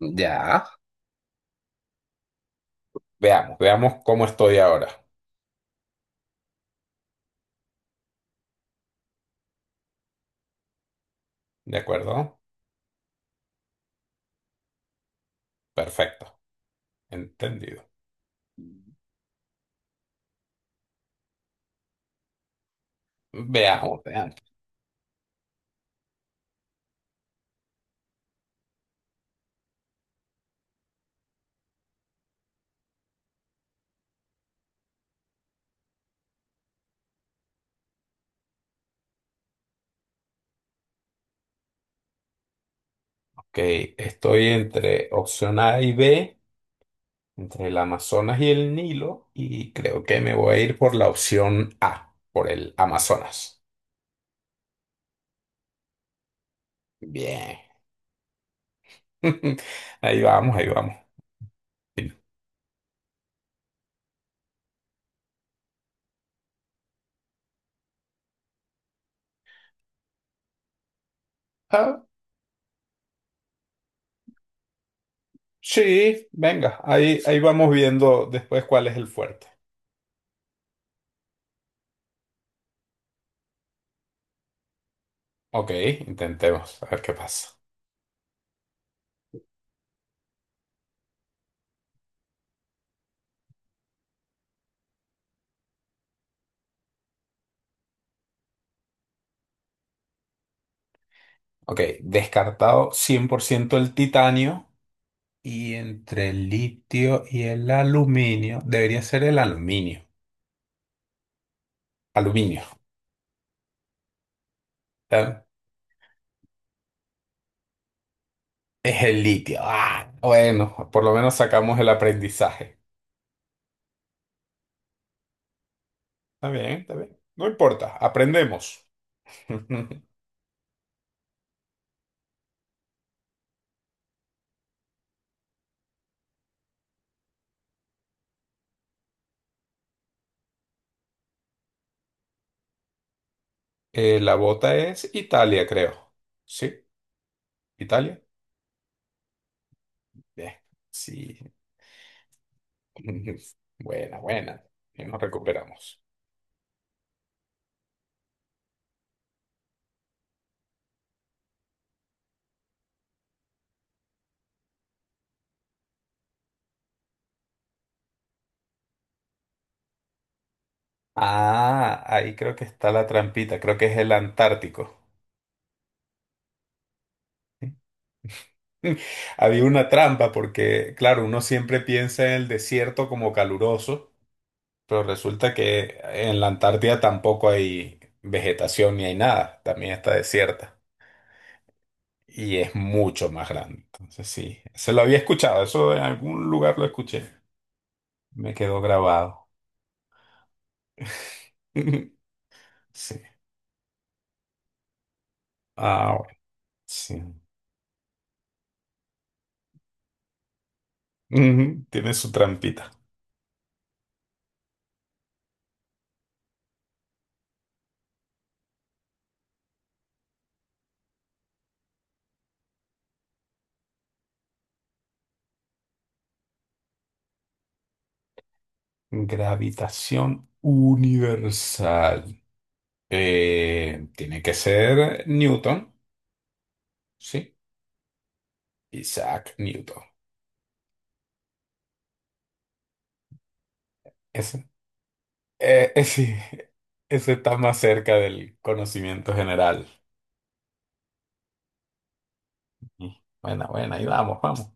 Ya. Veamos, veamos cómo estoy ahora. ¿De acuerdo? Perfecto. Entendido. Veamos, veamos. Ok, estoy entre opción A y B, entre el Amazonas y el Nilo, y creo que me voy a ir por la opción A, por el Amazonas. Bien. Ahí vamos, ahí vamos. Ah, sí, venga, ahí, ahí vamos viendo después cuál es el fuerte. Ok, intentemos, a ver qué pasa. Ok, descartado 100% el titanio. Y entre el litio y el aluminio, debería ser el aluminio. Aluminio. ¿Eh? Es el litio. Ah, bueno, por lo menos sacamos el aprendizaje. Está bien, está bien. No importa, aprendemos. La bota es Italia, creo. ¿Sí? ¿Italia? Bien. Sí. Buena, buena. Y nos recuperamos. Ah, ahí creo que está la trampita. Creo que es el Antártico. Había una trampa porque, claro, uno siempre piensa en el desierto como caluroso, pero resulta que en la Antártida tampoco hay vegetación ni hay nada, también está desierta y es mucho más grande. Entonces sí, se lo había escuchado, eso en algún lugar lo escuché, me quedó grabado. Sí, ah, bueno, sí. Ujú, tiene su trampita. Gravitación universal. Tiene que ser Newton. Sí. Isaac Newton. Ese. Sí. Ese está más cerca del conocimiento general. Mm. Buena, buena, ahí vamos, vamos.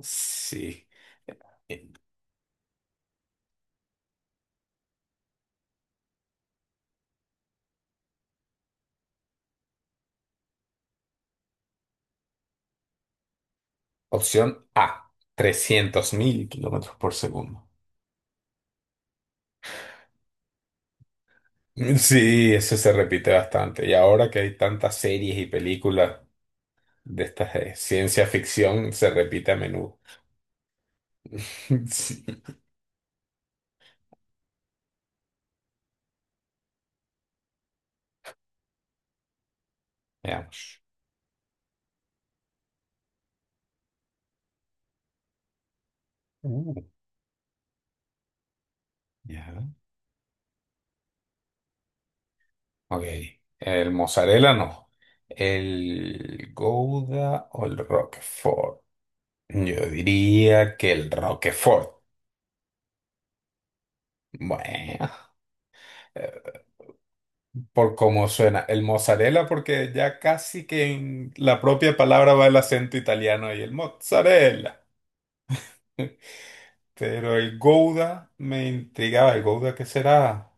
Sí. Eh, Opción A, 300.000 kilómetros por segundo. Mm, sí, eso se repite bastante. Y ahora que hay tantas series y películas de estas de ciencia ficción, se repite a menudo. Sí. Veamos. Uh, ya. Ok. El mozzarella no. El Gouda o el Roquefort. Yo diría que el Roquefort. Bueno, eh, por cómo suena. El mozzarella, porque ya casi que en la propia palabra va el acento italiano y el mozzarella. Pero el Gouda me intrigaba. ¿El Gouda qué será?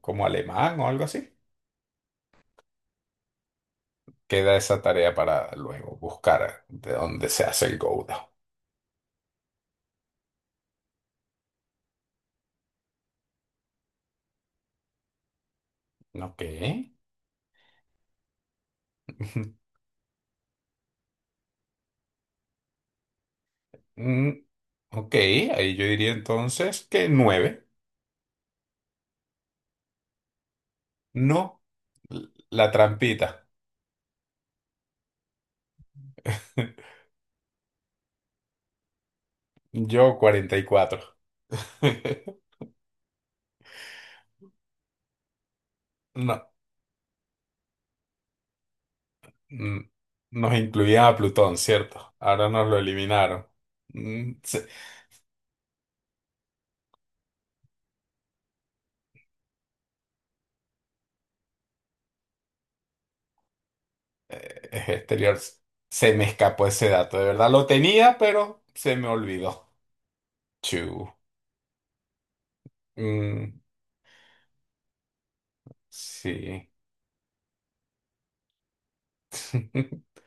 ¿Como alemán o algo así? Queda esa tarea para luego buscar de dónde se hace el Gouda. Ok. Mm, ok, ahí yo diría entonces que nueve. No, la trampita. Yo 44. No, mm, nos incluían a Plutón, ¿cierto? Ahora nos lo eliminaron. Mm, es exterior. Se me escapó ese dato. De verdad lo tenía, pero se me olvidó. Chu. Mm, sí.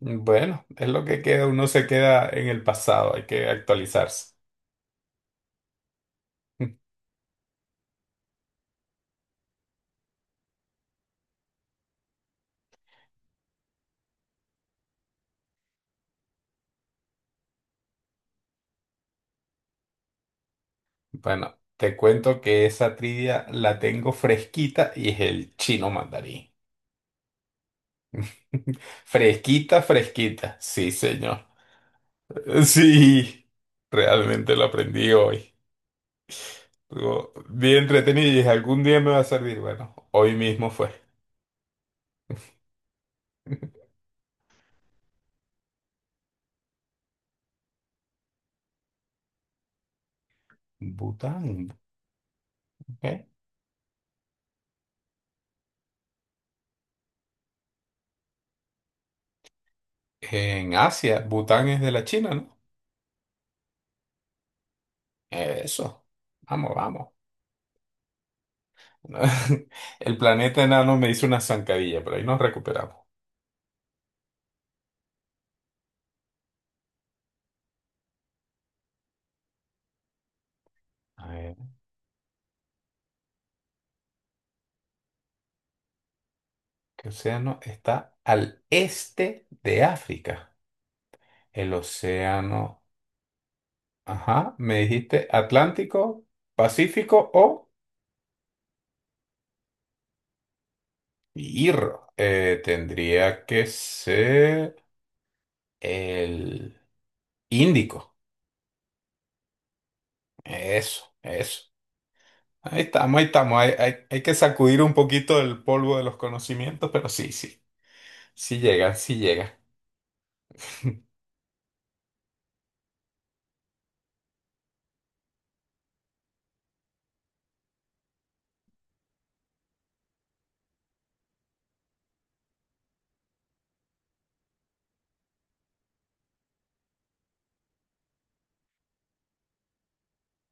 Bueno, es lo que queda. Uno se queda en el pasado. Hay que actualizarse. Bueno, te cuento que esa trivia la tengo fresquita y es el chino mandarín. Fresquita, fresquita. Sí, señor. Sí, realmente lo aprendí hoy. Estuvo bien entretenido y dije, algún día me va a servir. Bueno, hoy mismo fue. Bután, ¿ok? En Asia, Bután es de la China, ¿no? Eso. Vamos, vamos. El planeta enano me hizo una zancadilla, pero ahí nos recuperamos. A ver. ¿Qué océano está al este de África? El océano, ajá, me dijiste Atlántico, Pacífico o Irro. Tendría que ser el Índico. Eso, eso. Ahí estamos, ahí estamos. Hay que sacudir un poquito el polvo de los conocimientos, pero sí, sí. Sí llega, sí llega.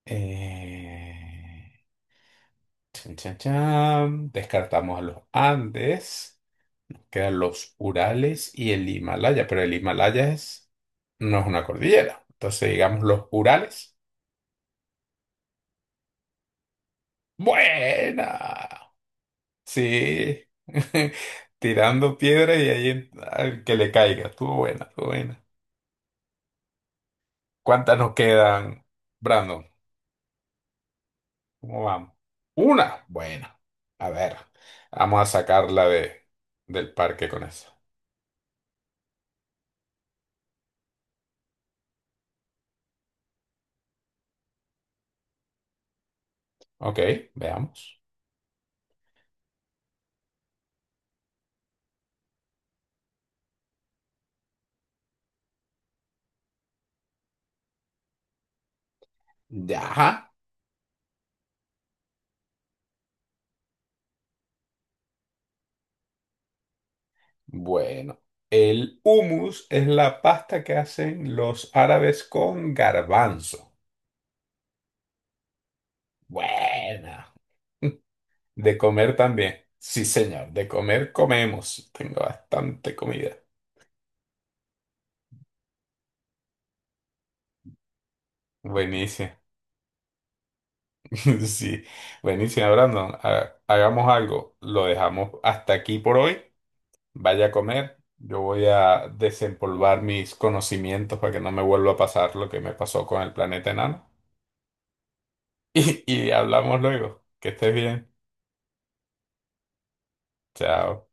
Eh, chan, chan, chan. Descartamos a los Andes. Quedan los Urales y el Himalaya, pero el Himalaya es, no es una cordillera. Entonces, digamos los Urales. Buena. Sí. Tirando piedra y ahí al que le caiga. Estuvo buena, estuvo buena. ¿Cuántas nos quedan, Brandon? ¿Cómo vamos? Una. Buena. A ver, vamos a sacarla de, del parque con eso. Ok, veamos. Ya. Bueno, el hummus es la pasta que hacen los árabes con garbanzo. Buena. De comer también. Sí, señor, de comer comemos. Tengo bastante comida. Buenísimo. Sí, buenísimo, Brandon. Hagamos algo. Lo dejamos hasta aquí por hoy. Vaya a comer. Yo voy a desempolvar mis conocimientos para que no me vuelva a pasar lo que me pasó con el planeta enano. Hablamos luego. Que estés bien. Chao.